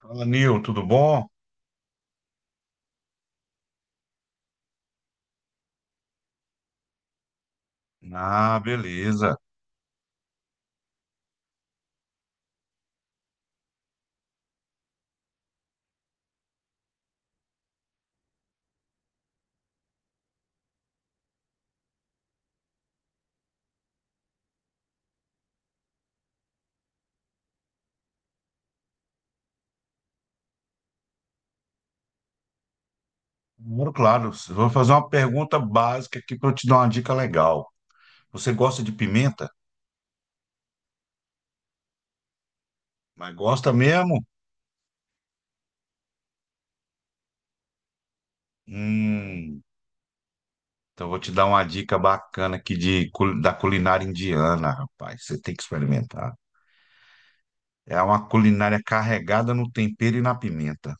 Fala, Nil, tudo bom? Ah, beleza. Moro, claro, vou fazer uma pergunta básica aqui para eu te dar uma dica legal. Você gosta de pimenta? Mas gosta mesmo? Hum, então vou te dar uma dica bacana aqui da culinária indiana, rapaz. Você tem que experimentar. É uma culinária carregada no tempero e na pimenta.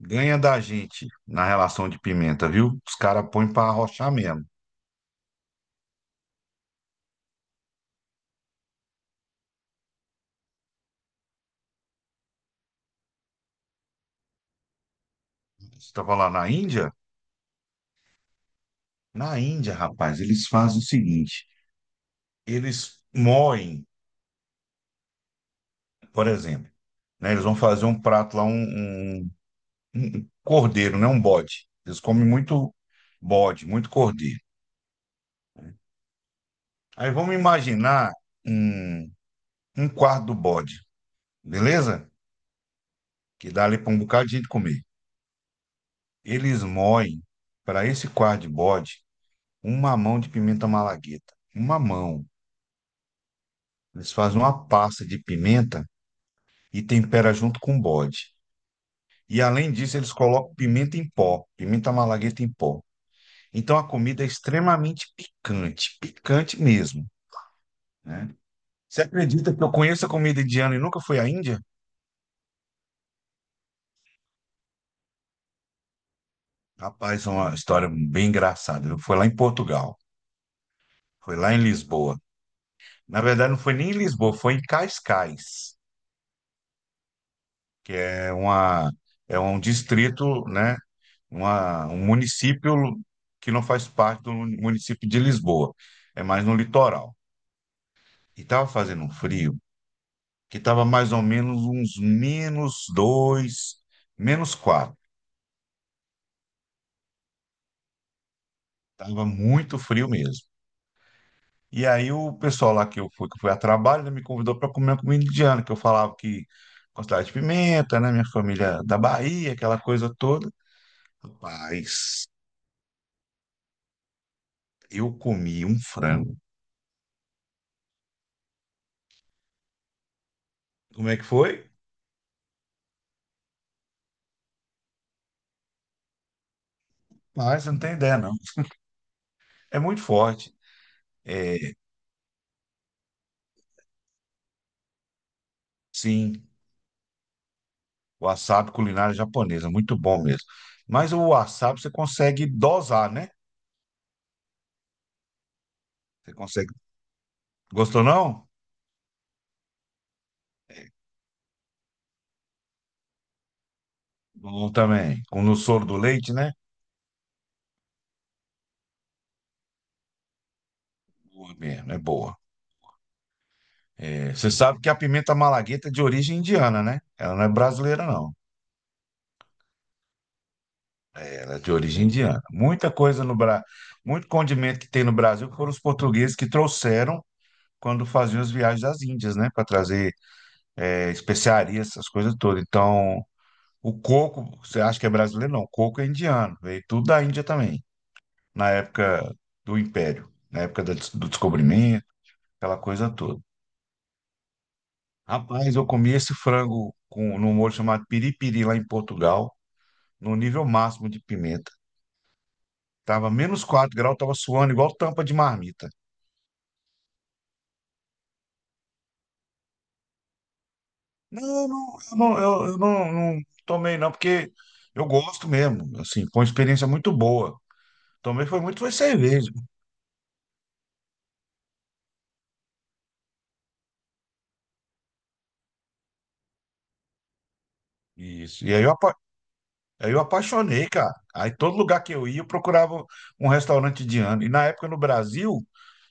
Ganha da gente na relação de pimenta, viu? Os caras põem para arrochar mesmo. Você estava lá na Índia? Na Índia, rapaz, eles fazem o seguinte. Eles moem, por exemplo, né? Eles vão fazer um prato lá, um cordeiro, né? Um bode. Eles comem muito bode, muito cordeiro. Aí vamos imaginar um, um quarto do bode, beleza? Que dá ali para um bocado de gente comer. Eles moem para esse quarto de bode uma mão de pimenta malagueta. Uma mão. Eles fazem uma pasta de pimenta e tempera junto com o bode. E além disso, eles colocam pimenta em pó, pimenta malagueta em pó. Então a comida é extremamente picante, picante mesmo, né? Você acredita que eu conheço a comida indiana e nunca fui à Índia? Rapaz, é uma história bem engraçada. Eu fui lá em Portugal, foi lá em Lisboa. Na verdade, não foi nem em Lisboa, foi em Cascais, que é uma é um distrito, né? Um município que não faz parte do município de Lisboa, é mais no litoral. E estava fazendo um frio que estava mais ou menos uns menos dois, menos quatro. Tava muito frio mesmo. E aí o pessoal lá que eu fui a trabalho, né, me convidou para comer uma comida indiana, que eu falava que gostava de pimenta, né? Minha família da Bahia, aquela coisa toda. Rapaz, eu comi um frango. Como é que foi? Rapaz, você não tem ideia, não. É muito forte. É, sim, wasabi culinária japonesa, muito bom mesmo. Mas o wasabi você consegue dosar, né? Você consegue. Gostou, não? Bom também. Com no soro do leite, né? Boa mesmo, é boa. É, você sabe que a pimenta malagueta é de origem indiana, né? Ela não é brasileira, não. Ela é de origem indiana. Muita coisa no Brasil, muito condimento que tem no Brasil foram os portugueses que trouxeram quando faziam as viagens às Índias, né? Para trazer especiarias, essas coisas todas. Então, o coco, você acha que é brasileiro? Não, o coco é indiano. Veio tudo da Índia também, na época do Império, na época do descobrimento, aquela coisa toda. Rapaz, eu comi esse frango com, num molho chamado piripiri lá em Portugal, no nível máximo de pimenta. Tava menos 4 graus, tava suando igual tampa de marmita. Não, não, eu não, eu não- não tomei não, porque eu gosto mesmo, assim, foi uma experiência muito boa. Tomei foi muito, foi cerveja. Isso. Aí eu apaixonei, cara. Aí todo lugar que eu ia, eu procurava um restaurante indiano. E na época no Brasil,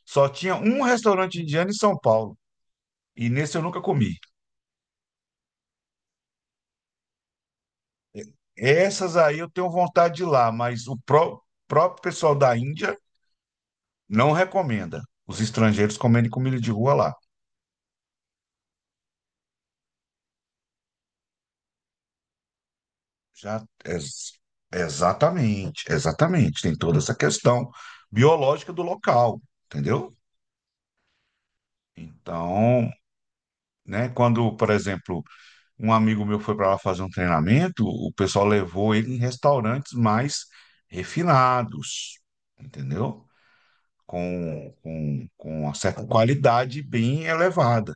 só tinha um restaurante indiano em São Paulo. E nesse eu nunca comi. Essas aí eu tenho vontade de ir lá, mas próprio pessoal da Índia não recomenda os estrangeiros comerem comida de rua lá. Já, ex- Exatamente, exatamente. Tem toda essa questão biológica do local, entendeu? Então, né, quando, por exemplo, um amigo meu foi para lá fazer um treinamento, o pessoal levou ele em restaurantes mais refinados, entendeu? Com uma certa qualidade bem elevada,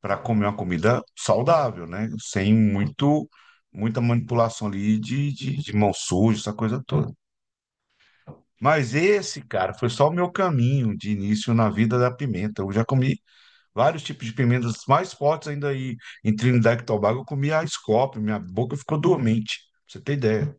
para comer uma comida saudável, né? Sem muito, muita manipulação ali de mão suja, essa coisa toda. Mas esse, cara, foi só o meu caminho de início na vida da pimenta. Eu já comi vários tipos de pimentas mais fortes ainda aí. Em Trinidad e Tobago, eu comi a Scoop, minha boca ficou dormente, pra você ter ideia.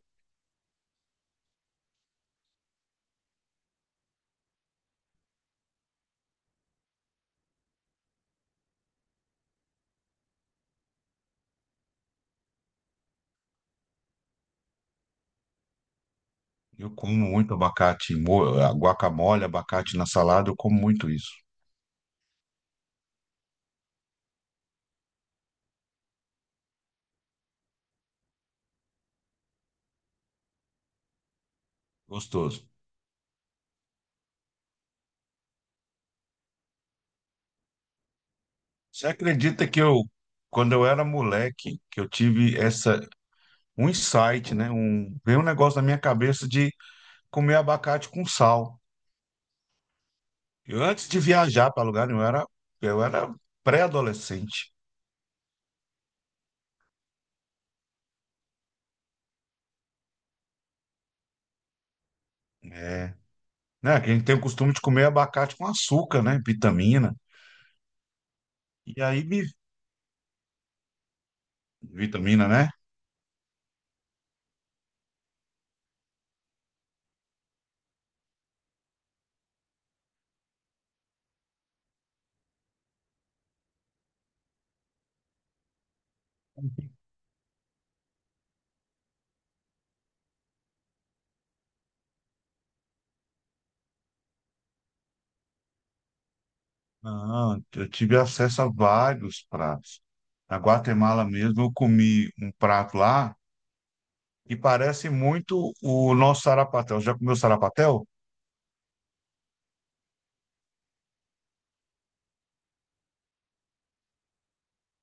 Eu como muito abacate, guacamole, abacate na salada, eu como muito isso. Gostoso. Você acredita que eu, quando eu era moleque, que eu tive essa, um insight, né? Um, veio um negócio na minha cabeça de comer abacate com sal. Eu, antes de viajar para lugar nenhum, eu era pré-adolescente, é, né? Que a gente tem o costume de comer abacate com açúcar, né? Vitamina. E aí me... Vitamina, né? Ah, eu tive acesso a vários pratos. Na Guatemala mesmo, eu comi um prato lá que parece muito o nosso sarapatel. Já comeu sarapatel?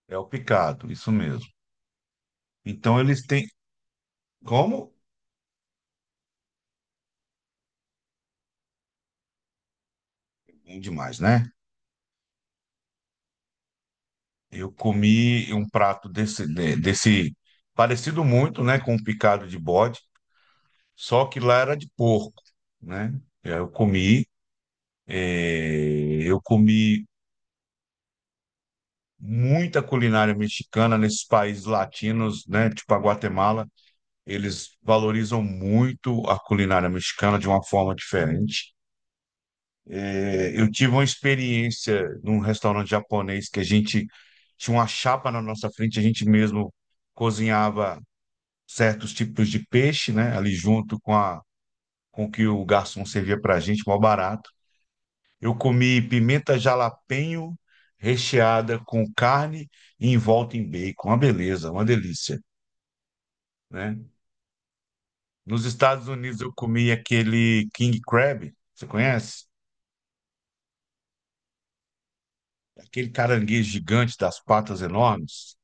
É o picado, isso mesmo. Então eles têm. Como? Bom demais, né? Eu comi um prato desse, desse parecido muito, né, com um picado de bode, só que lá era de porco, né? E aí eu comi, eh, eu comi muita culinária mexicana nesses países latinos, né, tipo a Guatemala, eles valorizam muito a culinária mexicana de uma forma diferente. Eh, eu tive uma experiência num restaurante japonês que a gente tinha uma chapa na nossa frente, a gente mesmo cozinhava certos tipos de peixe, né? Ali junto com o que o garçom servia para a gente, mal barato. Eu comi pimenta jalapeño recheada com carne e envolta em bacon. Uma beleza, uma delícia, né? Nos Estados Unidos eu comi aquele king crab, você conhece? Aquele caranguejo gigante das patas enormes.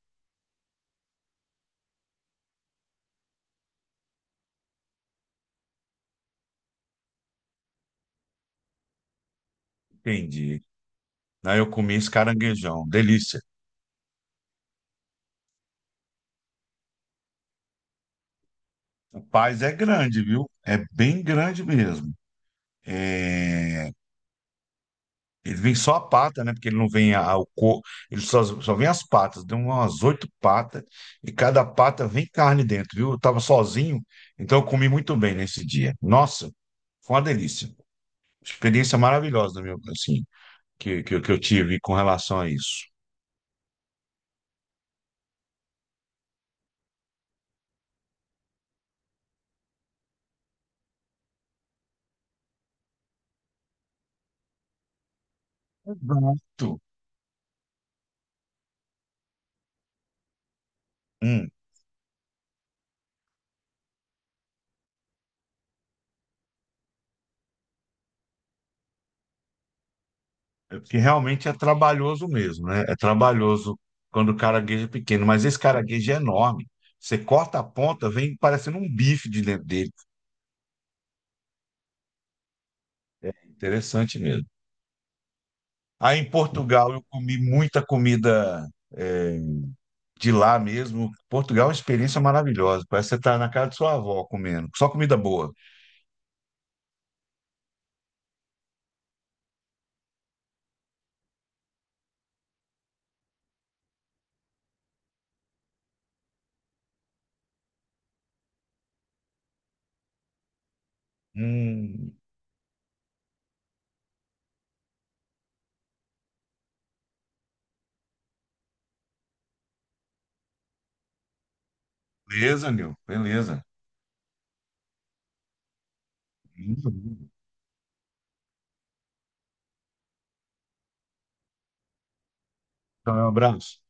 Entendi. Aí eu comi esse caranguejão, delícia. O Paz é grande, viu? É bem grande mesmo. É, ele vem só a pata, né? Porque ele não vem o corpo, só vem as patas. Deu umas 8 patas e cada pata vem carne dentro, viu? Eu tava sozinho, então eu comi muito bem nesse dia. Nossa, foi uma delícia. Experiência maravilhosa, meu, assim, que eu tive com relação a isso. Exato. Hum, é porque realmente é trabalhoso mesmo, né? É trabalhoso quando o caraguejo é pequeno, mas esse caraguejo é enorme. Você corta a ponta, vem parecendo um bife de dentro dele. Interessante mesmo. Aí em Portugal eu comi muita comida é, de lá mesmo. Portugal é uma experiência maravilhosa. Parece que você está na casa de sua avó comendo. Só comida boa. Hum, beleza, Nil. Beleza. Então, é um abraço.